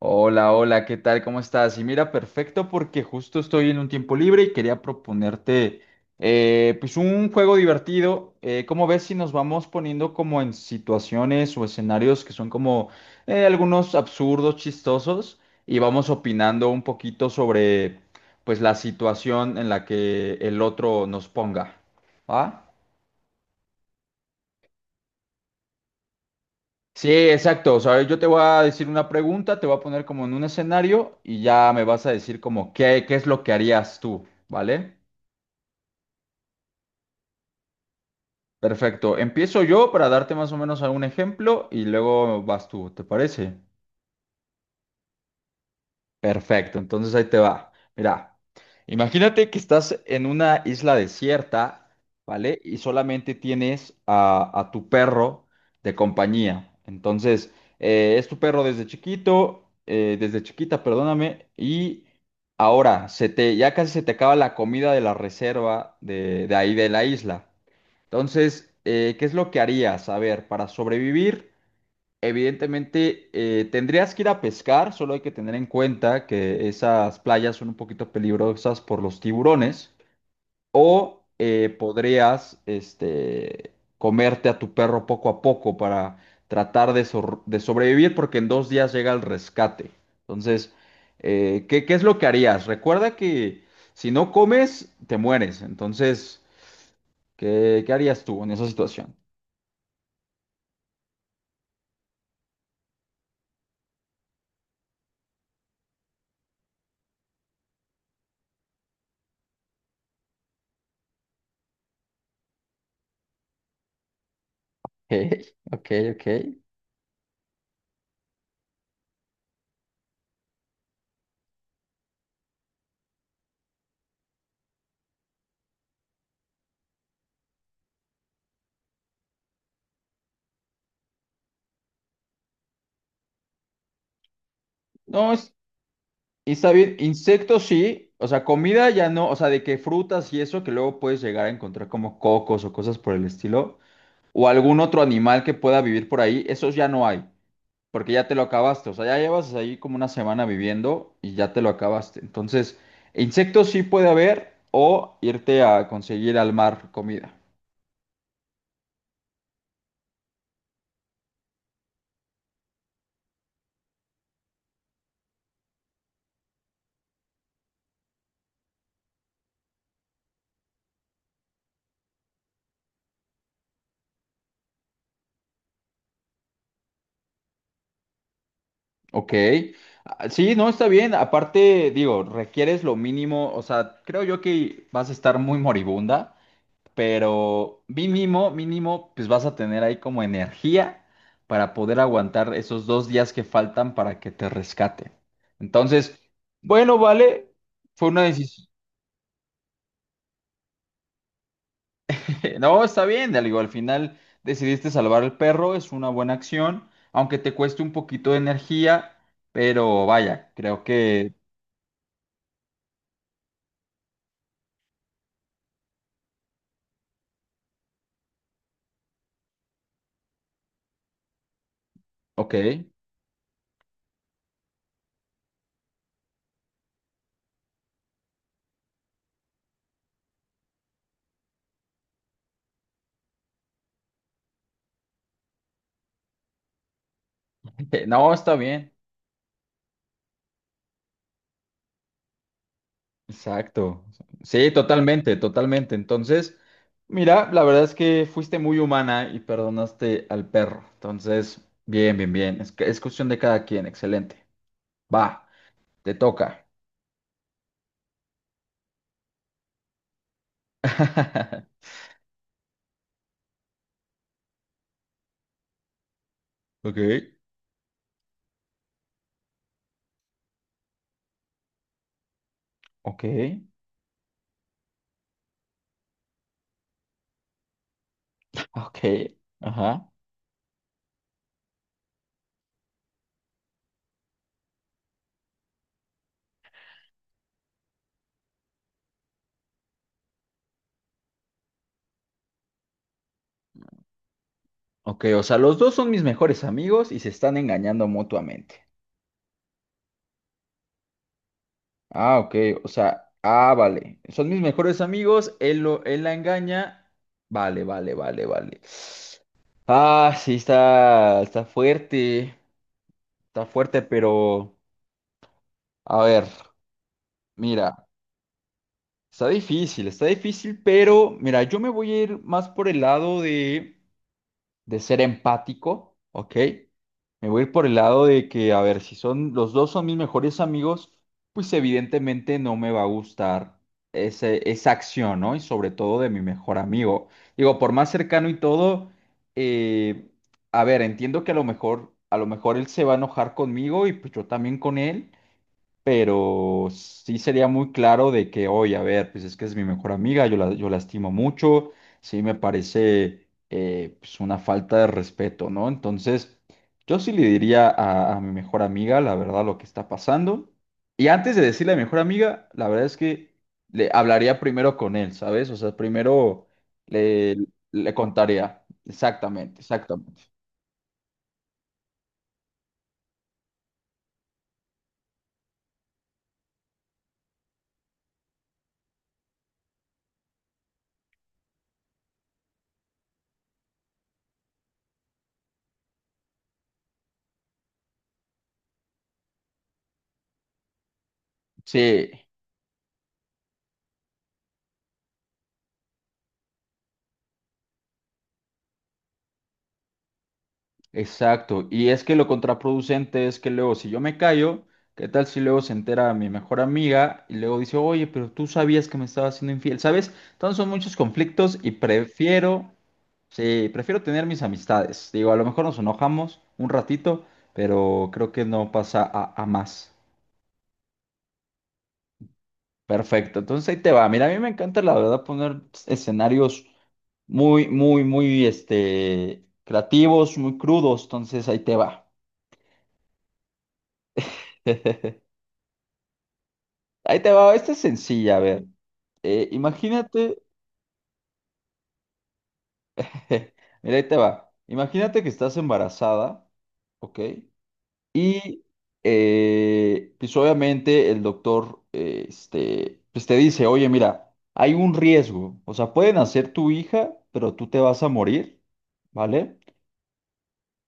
Hola, hola, ¿qué tal? ¿Cómo estás? Y mira, perfecto porque justo estoy en un tiempo libre y quería proponerte pues un juego divertido. ¿Cómo ves si nos vamos poniendo como en situaciones o escenarios que son como algunos absurdos, chistosos y vamos opinando un poquito sobre pues la situación en la que el otro nos ponga? ¿Va? Sí, exacto. O sea, yo te voy a decir una pregunta, te voy a poner como en un escenario y ya me vas a decir como qué es lo que harías tú, ¿vale? Perfecto. Empiezo yo para darte más o menos algún ejemplo y luego vas tú, ¿te parece? Perfecto, entonces ahí te va. Mira, imagínate que estás en una isla desierta, ¿vale? Y solamente tienes a tu perro de compañía. Entonces, es tu perro desde chiquito, desde chiquita, perdóname, y ahora ya casi se te acaba la comida de la reserva de ahí de la isla. Entonces, ¿qué es lo que harías? A ver, para sobrevivir. Evidentemente, tendrías que ir a pescar, solo hay que tener en cuenta que esas playas son un poquito peligrosas por los tiburones, o podrías este, comerte a tu perro poco a poco para tratar de sobrevivir porque en dos días llega el rescate. Entonces, qué es lo que harías? Recuerda que si no comes, te mueres. Entonces, qué harías tú en esa situación? Ok, ok, ok. No, y está bien, insectos sí, o sea, comida ya no, o sea, de que frutas y eso que luego puedes llegar a encontrar como cocos o cosas por el estilo, o algún otro animal que pueda vivir por ahí, esos ya no hay, porque ya te lo acabaste, o sea, ya llevas ahí como una semana viviendo y ya te lo acabaste. Entonces, insectos sí puede haber, o irte a conseguir al mar comida, ¿ok? Ah, sí, no, está bien, aparte, digo, requieres lo mínimo, o sea, creo yo que vas a estar muy moribunda. Pero mínimo, mínimo, pues vas a tener ahí como energía para poder aguantar esos dos días que faltan para que te rescate. Entonces, bueno, vale, fue una decisión. No, está bien, digo, al final decidiste salvar al perro, es una buena acción, aunque te cueste un poquito de energía, pero vaya, creo que, ok, no, está bien. Exacto. Sí, totalmente, totalmente. Entonces, mira, la verdad es que fuiste muy humana y perdonaste al perro. Entonces, bien, bien, bien. Es, que- es cuestión de cada quien. Excelente. Va, te toca. Ok, ok, ok, ajá. Ok, o sea, los dos son mis mejores amigos y se están engañando mutuamente. Ah, ok, o sea, ah, vale. Son mis mejores amigos, él la engaña. Vale, vale, vale, vale. Ah, sí, está fuerte, pero a ver, mira, está difícil, pero mira, yo me voy a ir más por el lado de ser empático, ¿ok? Me voy a ir por el lado de que, a ver, si son los dos son mis mejores amigos, pues evidentemente no me va a gustar esa acción, ¿no? Y sobre todo de mi mejor amigo. Digo, por más cercano y todo, eh, a ver, entiendo que a lo mejor él se va a enojar conmigo y pues yo también con él, pero sí sería muy claro de que, oye, a ver, pues es que es mi mejor amiga, yo la estimo mucho, sí me parece pues una falta de respeto, ¿no? Entonces, yo sí le diría a mi mejor amiga, la verdad, lo que está pasando. Y antes de decirle a mi mejor amiga, la verdad es que le hablaría primero con él, ¿sabes? O sea, le, le contaría. Exactamente, exactamente. Sí. Exacto, y es que lo contraproducente es que luego si yo me callo, ¿qué tal si luego se entera mi mejor amiga y luego dice, oye, pero tú sabías que me estaba haciendo infiel, ¿sabes? Entonces son muchos conflictos y prefiero, sí, prefiero tener mis amistades. Digo, a lo mejor nos enojamos un ratito, pero creo que no pasa a más. Perfecto, entonces ahí te va. Mira, a mí me encanta la verdad poner escenarios muy, muy, muy, este, creativos, muy crudos, entonces ahí te va. Ahí te va, esta es sencilla, a ver. Eh, imagínate, mira, ahí te va. Imagínate que estás embarazada, ¿ok? Y pues obviamente el doctor pues te dice, oye, mira, hay un riesgo, o sea, pueden hacer tu hija, pero tú te vas a morir, ¿vale?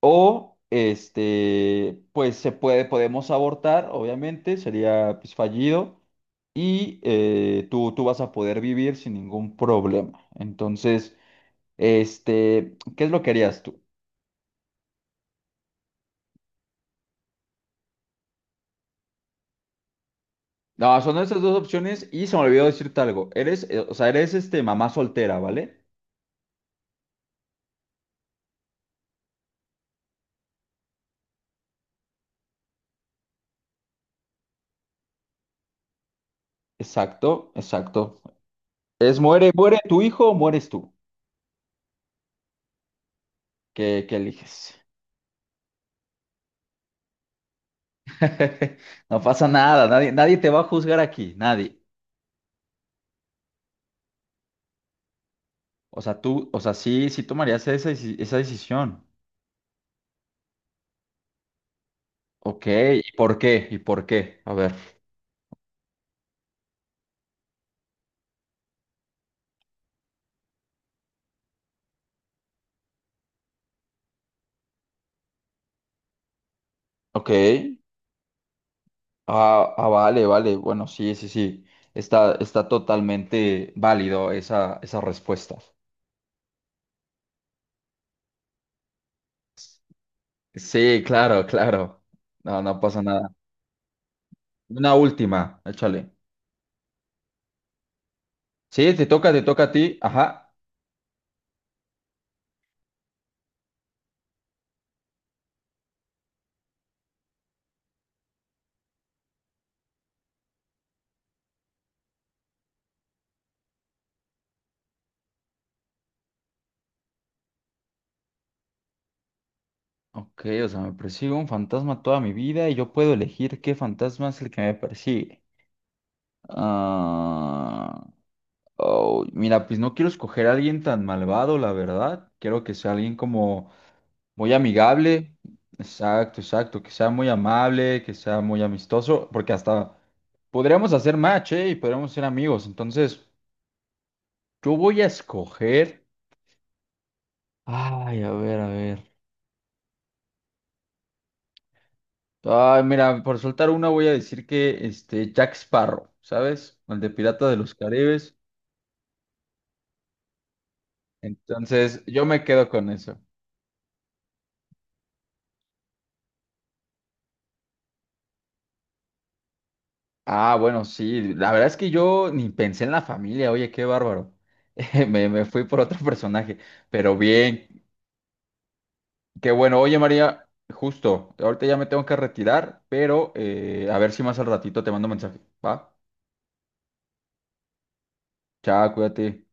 O este, podemos abortar, obviamente, sería pues, fallido y tú vas a poder vivir sin ningún problema. Entonces, este, ¿qué es lo que harías tú? No, son esas dos opciones y se me olvidó decirte algo. Eres, o sea, eres este mamá soltera, ¿vale? Exacto, exacto. Es muere tu hijo o mueres tú. Qué eliges? No pasa nada, nadie te va a juzgar aquí, nadie. O sea, tú, o sea, sí, sí tomarías esa decisión. Ok, ¿y por qué? ¿Y por qué? A ver. Ok. Ah, ah, vale, vale. Bueno, sí, sí, sí. Está, está totalmente válido esa respuesta. Sí, claro, claro. No, no pasa nada. Una última, échale. Sí, te toca a ti. Ajá. Ok, o sea, me persigue un fantasma toda mi vida y yo puedo elegir qué fantasma es el que me persigue. Ah, oh, mira, pues no quiero escoger a alguien tan malvado, la verdad. Quiero que sea alguien como muy amigable. Exacto, exacto. Que sea muy amable, que sea muy amistoso, porque hasta podríamos hacer match, ¿eh? Y podríamos ser amigos. Entonces, yo voy a escoger. Ay, a ver, a ver. Ay, mira, por soltar una voy a decir que este Jack Sparrow, ¿sabes? El de Pirata de los Caribes. Entonces, yo me quedo con eso. Ah, bueno, sí, la verdad es que yo ni pensé en la familia, oye, qué bárbaro. Me fui por otro personaje, pero bien, qué bueno. Oye, María, justo, ahorita ya me tengo que retirar, pero a ver si más al ratito te mando mensaje, ¿va? Chao, cuídate.